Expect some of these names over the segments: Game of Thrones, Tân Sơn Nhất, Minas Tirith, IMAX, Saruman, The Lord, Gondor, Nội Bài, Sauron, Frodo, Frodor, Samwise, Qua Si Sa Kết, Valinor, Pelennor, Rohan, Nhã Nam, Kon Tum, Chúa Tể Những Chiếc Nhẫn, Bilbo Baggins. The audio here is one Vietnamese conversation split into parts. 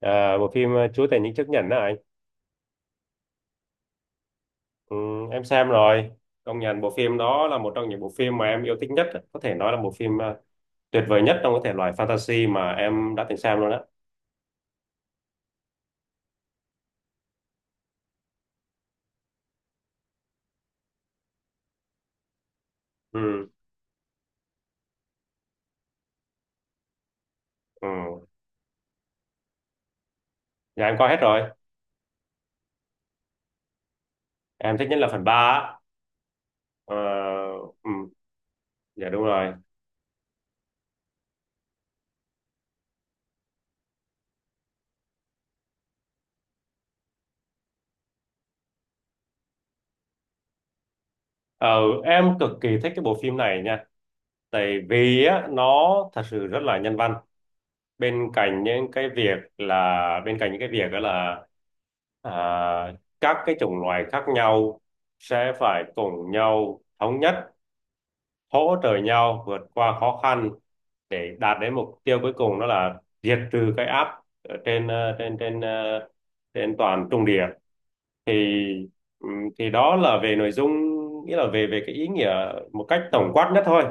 À, bộ phim Chúa Tể Những Chiếc Nhẫn đó anh. Ừ, em xem rồi. Công nhận bộ phim đó là một trong những bộ phim mà em yêu thích nhất, có thể nói là bộ phim tuyệt vời nhất trong cái thể loại fantasy mà em đã từng xem luôn á. Ừ, ừ. Dạ em coi hết rồi. Em thích nhất là phần ba á. Ờ, ừ, dạ đúng rồi. Ờ, em cực kỳ thích cái bộ phim này nha. Tại vì á, nó thật sự rất là nhân văn. Bên cạnh những cái việc đó là, à, các cái chủng loài khác nhau sẽ phải cùng nhau thống nhất, hỗ trợ nhau vượt qua khó khăn để đạt đến mục tiêu cuối cùng, đó là diệt trừ cái áp ở trên toàn Trung Địa. Thì ừm, thì đó là về nội dung, nghĩa là về về cái ý nghĩa một cách tổng quát nhất thôi.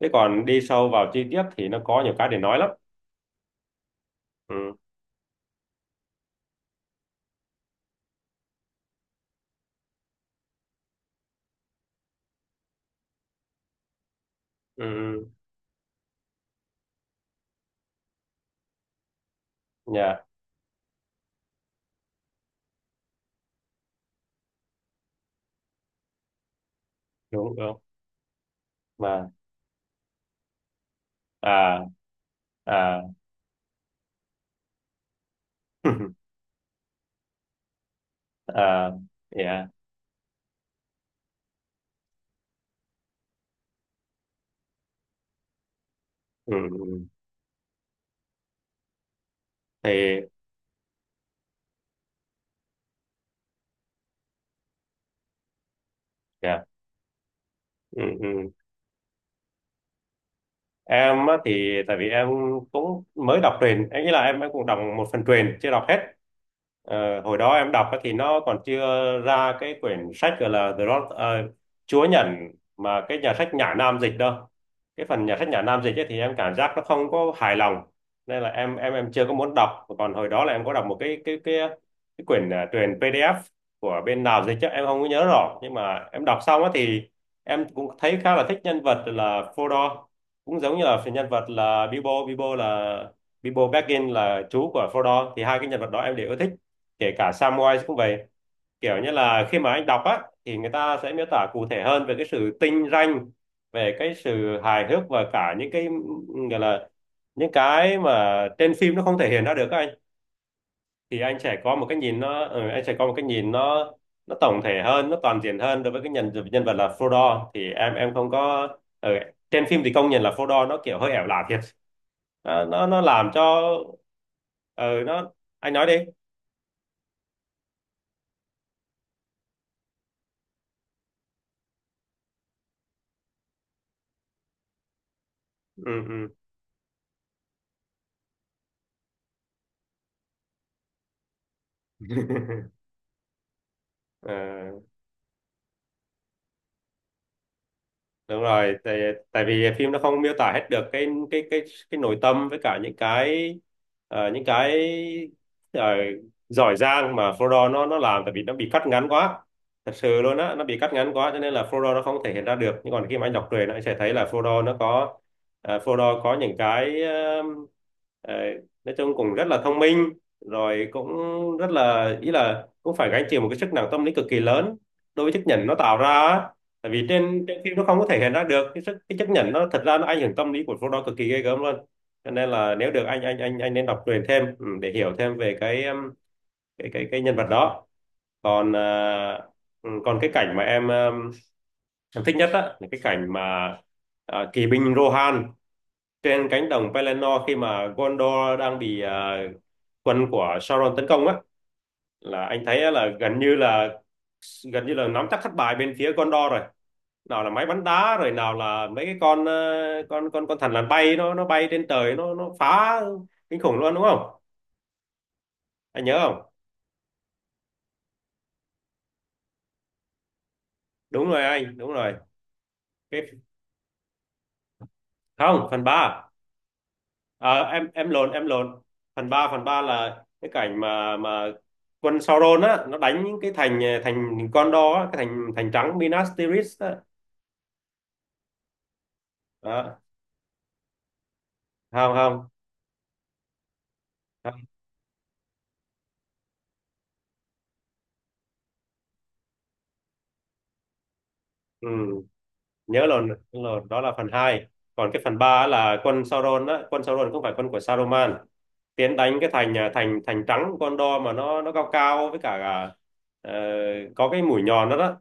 Thế còn đi sâu vào chi tiết thì nó có nhiều cái để nói lắm. Ừ, ừ, ừ. Dạ đúng đúng mà. À, à. Ờ, dạ. Ừ, ừ. Thì dạ. Ừ, ừ. Em á thì tại vì em cũng mới đọc truyền, em nghĩ là em cũng đọc một phần truyền chưa đọc hết. Ờ, hồi đó em đọc á thì nó còn chưa ra cái quyển sách gọi là The Lord, Chúa Nhẫn, mà cái nhà sách Nhã Nam dịch đâu. Cái phần nhà sách Nhã Nam dịch ấy thì em cảm giác nó không có hài lòng, nên là em chưa có muốn đọc. Còn hồi đó là em có đọc một cái quyển truyền PDF của bên nào dịch chứ em không có nhớ rõ, nhưng mà em đọc xong á thì em cũng thấy khá là thích nhân vật là Frodor, cũng giống như là phần nhân vật là Bilbo Bilbo. Là Bilbo Baggins là chú của Frodo, thì hai cái nhân vật đó em đều yêu thích, kể cả Samwise cũng vậy. Kiểu như là khi mà anh đọc á thì người ta sẽ miêu tả cụ thể hơn về cái sự tinh ranh, về cái sự hài hước, và cả những cái gọi là những cái mà trên phim nó không thể hiện ra được á anh. Thì anh sẽ có một cái nhìn nó tổng thể hơn, nó toàn diện hơn. Đối với cái nhân nhân vật là Frodo thì em không có. Ừ, trên phim thì công nhận là Frodo nó kiểu hơi ẻo lả thiệt. Nó làm cho, ừ, nó. Anh nói đi. Ừ, ừ. Ờ. Đúng rồi, tại tại vì phim nó không miêu tả hết được cái nội tâm, với cả những cái, những cái, ờ, giỏi giang mà Frodo nó làm, tại vì nó bị cắt ngắn quá, thật sự luôn á, nó bị cắt ngắn quá cho nên là Frodo nó không thể hiện ra được. Nhưng còn khi mà anh đọc truyện anh sẽ thấy là Frodo nó có, Frodo có những cái, ờ, nói chung cũng rất là thông minh, rồi cũng rất là, ý là cũng phải gánh chịu một cái sức nặng tâm lý cực kỳ lớn đối với chiếc nhẫn nó tạo ra á. Tại vì trên trên phim nó không có thể hiện ra được cái sức, cái chấp nhận nó, thật ra nó ảnh hưởng tâm lý của số đó cực kỳ ghê gớm luôn. Cho nên là nếu được anh nên đọc truyện thêm, để hiểu thêm về cái, cái nhân vật đó. Còn, còn cái cảnh mà em, em thích nhất á là cái cảnh mà, kỵ binh Rohan trên cánh đồng Pelennor khi mà Gondor đang bị, quân của Sauron tấn công á, là anh thấy á là gần như là nắm chắc thất bại bên phía Gondor rồi. Nào là máy bắn đá, rồi nào là mấy cái con, con thằn lằn bay, nó bay trên trời, nó phá kinh khủng luôn, đúng không? Anh nhớ không? Đúng rồi anh, đúng rồi. Cái, không, phần ba. Ờ, em lộn, em lộn. Phần ba là cái cảnh mà quân Sauron á, nó đánh những cái thành thành, con đó, cái thành thành trắng Minas Tirith á. Đó. Không, không, không. Ừ. nhớ là nhớ là đó là phần hai. Còn cái phần ba là quân Sauron á, quân Sauron không phải quân của Saruman, tiến đánh cái thành, thành trắng của Gondor, mà nó cao cao với cả, ờ, có cái mũi nhọn đó đó.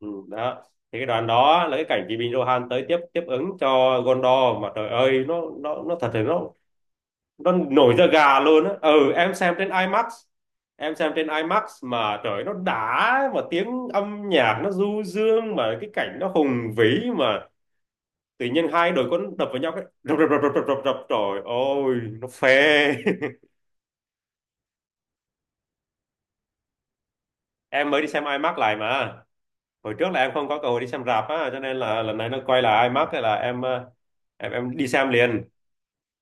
Ừ, đó. Thì cái đoạn đó là cái cảnh Kỳ Bình Rohan tới tiếp tiếp ứng cho Gondor, mà trời ơi nó, nó thật là nó, nổi da gà luôn á. Ừ em xem trên IMAX. Em xem trên IMAX mà trời nó đã, mà tiếng âm nhạc nó du dương, mà cái cảnh nó hùng vĩ, mà tự nhiên hai đội quân đập vào nhau, cái đập đập đập đập đập đập đập, trời ơi nó phê. Em mới đi xem IMAX lại mà, hồi trước là em không có cơ hội đi xem rạp á, cho nên là lần này nó quay lại IMAX, thế là em đi xem liền.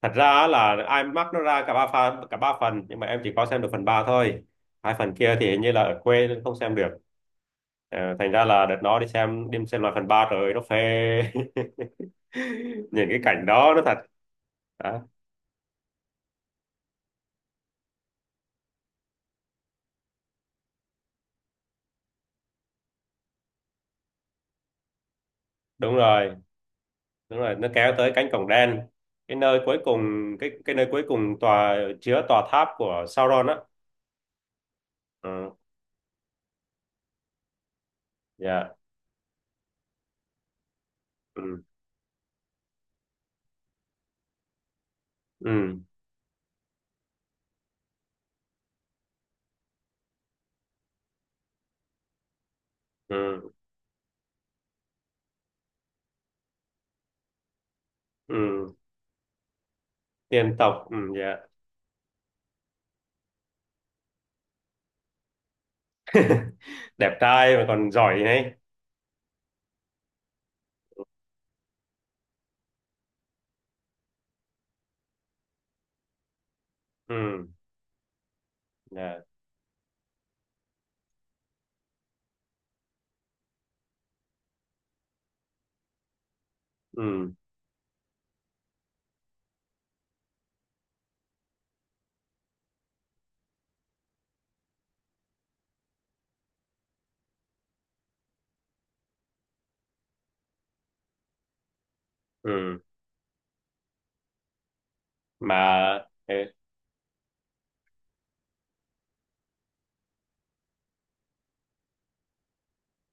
Thật ra á là IMAX nó ra cả ba phần, cả ba phần, nhưng mà em chỉ có xem được phần 3 thôi. Hai phần kia thì hình như là ở quê nên không xem được. Ờ, thành ra là đợt nó đi xem, lại phần 3 rồi nó phê. Nhìn cái cảnh đó nó thật. Đó, đúng rồi, đúng rồi, nó kéo tới cánh cổng đen, cái nơi cuối cùng, cái nơi cuối cùng, tòa chứa tòa tháp của Sauron á. Ừ, dạ. Ừ, ừ, ừ, ừ. Tiên tộc. Ừ, dạ. Đẹp trai mà còn giỏi này. Ừ, dạ. Ừ, ừ. Mà. Ừ,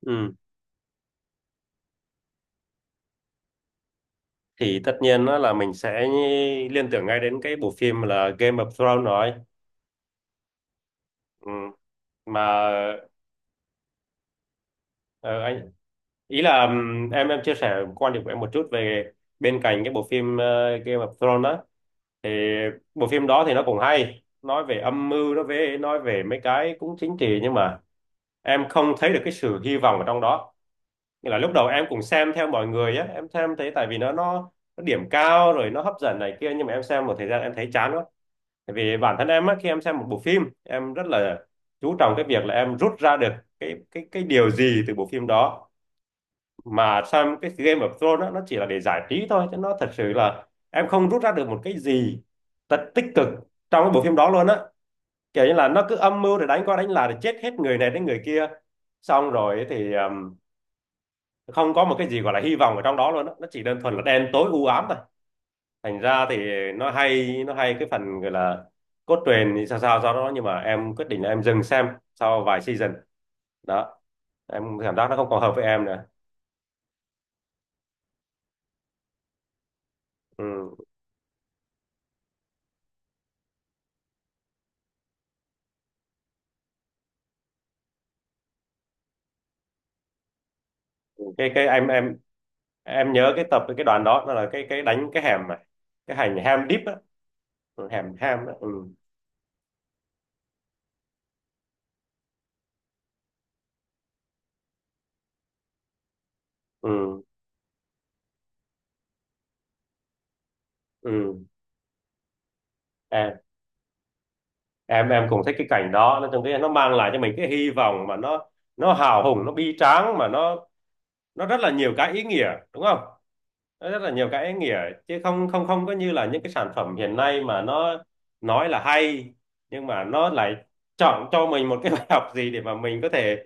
ừ. Thì tất nhiên đó là mình sẽ liên tưởng ngay đến cái bộ phim là Game of Thrones rồi. Ừ. Mà ờ, anh, ý là, em chia sẻ quan điểm của em một chút về bên cạnh cái bộ phim Game of Thrones đó, thì bộ phim đó thì nó cũng hay nói về âm mưu, nó về nói về mấy cái cũng chính trị, nhưng mà em không thấy được cái sự hy vọng ở trong đó. Nghĩa là lúc đầu em cũng xem theo mọi người á, em xem thấy, tại vì nó điểm cao rồi nó hấp dẫn này kia, nhưng mà em xem một thời gian em thấy chán quá. Tại vì bản thân em á, khi em xem một bộ phim em rất là chú trọng cái việc là em rút ra được cái điều gì từ bộ phim đó. Mà xem cái Game of Thrones á, nó chỉ là để giải trí thôi chứ nó thật sự là em không rút ra được một cái gì thật tích cực trong cái bộ phim đó luôn á. Kiểu như là nó cứ âm mưu để đánh qua đánh lại, để chết hết người này đến người kia, xong rồi thì, không có một cái gì gọi là hy vọng ở trong đó luôn á, nó chỉ đơn thuần là đen tối u ám thôi. Thành ra thì nó hay cái phần gọi là cốt truyện thì sao sao do đó, nhưng mà em quyết định là em dừng xem sau vài season. Đó, em cảm giác nó không còn hợp với em nữa. Ừ. Cái em nhớ cái tập, cái đoạn đó nó là cái, đánh cái hẻm mà, cái hành ham deep á. Ừ, hẻm ham á. Ừ, ừ, ừ. em em cũng thích cái cảnh đó. Nói chung cái nó mang lại cho mình cái hy vọng, mà nó, hào hùng, nó bi tráng, mà nó rất là nhiều cái ý nghĩa đúng không? Nó rất là nhiều cái ý nghĩa, chứ không không không có như là những cái sản phẩm hiện nay mà nó nói là hay, nhưng mà nó lại chọn cho mình một cái bài học gì để mà mình có thể,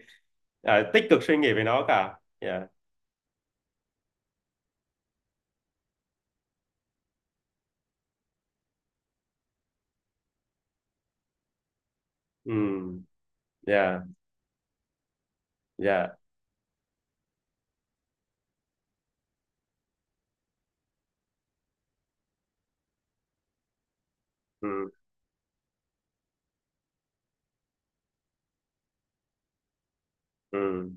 tích cực suy nghĩ về nó cả. Dạ. Ừ, dạ. Dạ, ừ, ừ.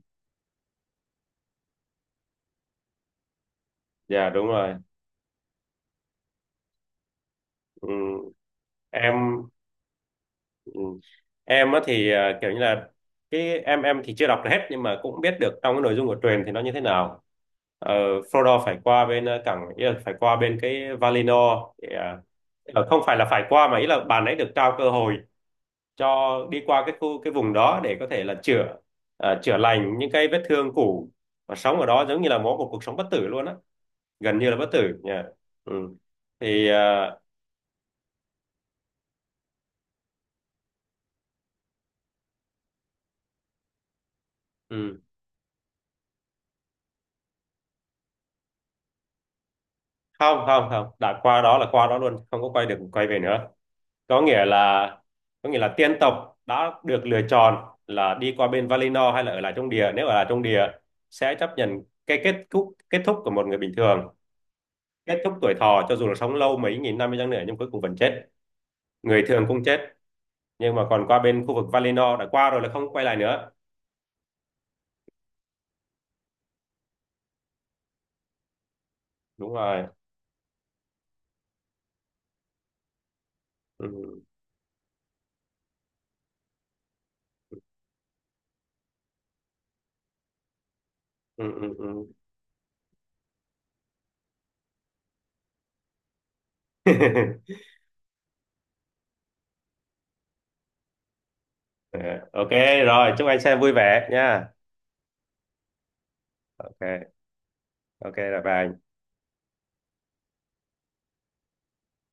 Dạ đúng rồi. Ừ. Em. Ừ. Em á thì kiểu như là, cái em thì chưa đọc hết, nhưng mà cũng biết được trong cái nội dung của truyền thì nó như thế nào. Ờ, Frodo phải qua bên cảng, ý là phải qua bên cái Valinor để, không phải là phải qua, mà ý là bạn ấy được trao cơ hội cho đi qua cái khu, cái vùng đó để có thể là chữa, chữa lành những cái vết thương cũ, và sống ở đó giống như là mỗi một cuộc sống bất tử luôn á, gần như là bất tử nha. Ừ. Thì ừ. Không, không, không, đã qua đó là qua đó luôn, không có quay được quay về nữa. Có nghĩa là có nghĩa là tiên tộc đã được lựa chọn là đi qua bên Valinor hay là ở lại trong địa. Nếu ở lại trong địa sẽ chấp nhận cái kết thúc của một người bình thường, kết thúc tuổi thọ, cho dù là sống lâu mấy nghìn năm đi chăng nữa nhưng cuối cùng vẫn chết, người thường cũng chết. Nhưng mà còn qua bên khu vực Valinor, đã qua rồi là không quay lại nữa. Đúng rồi. Ừ, ừ, ừ, ừ. OK, rồi chúc anh xem vui vẻ nha. OK. OK là bye.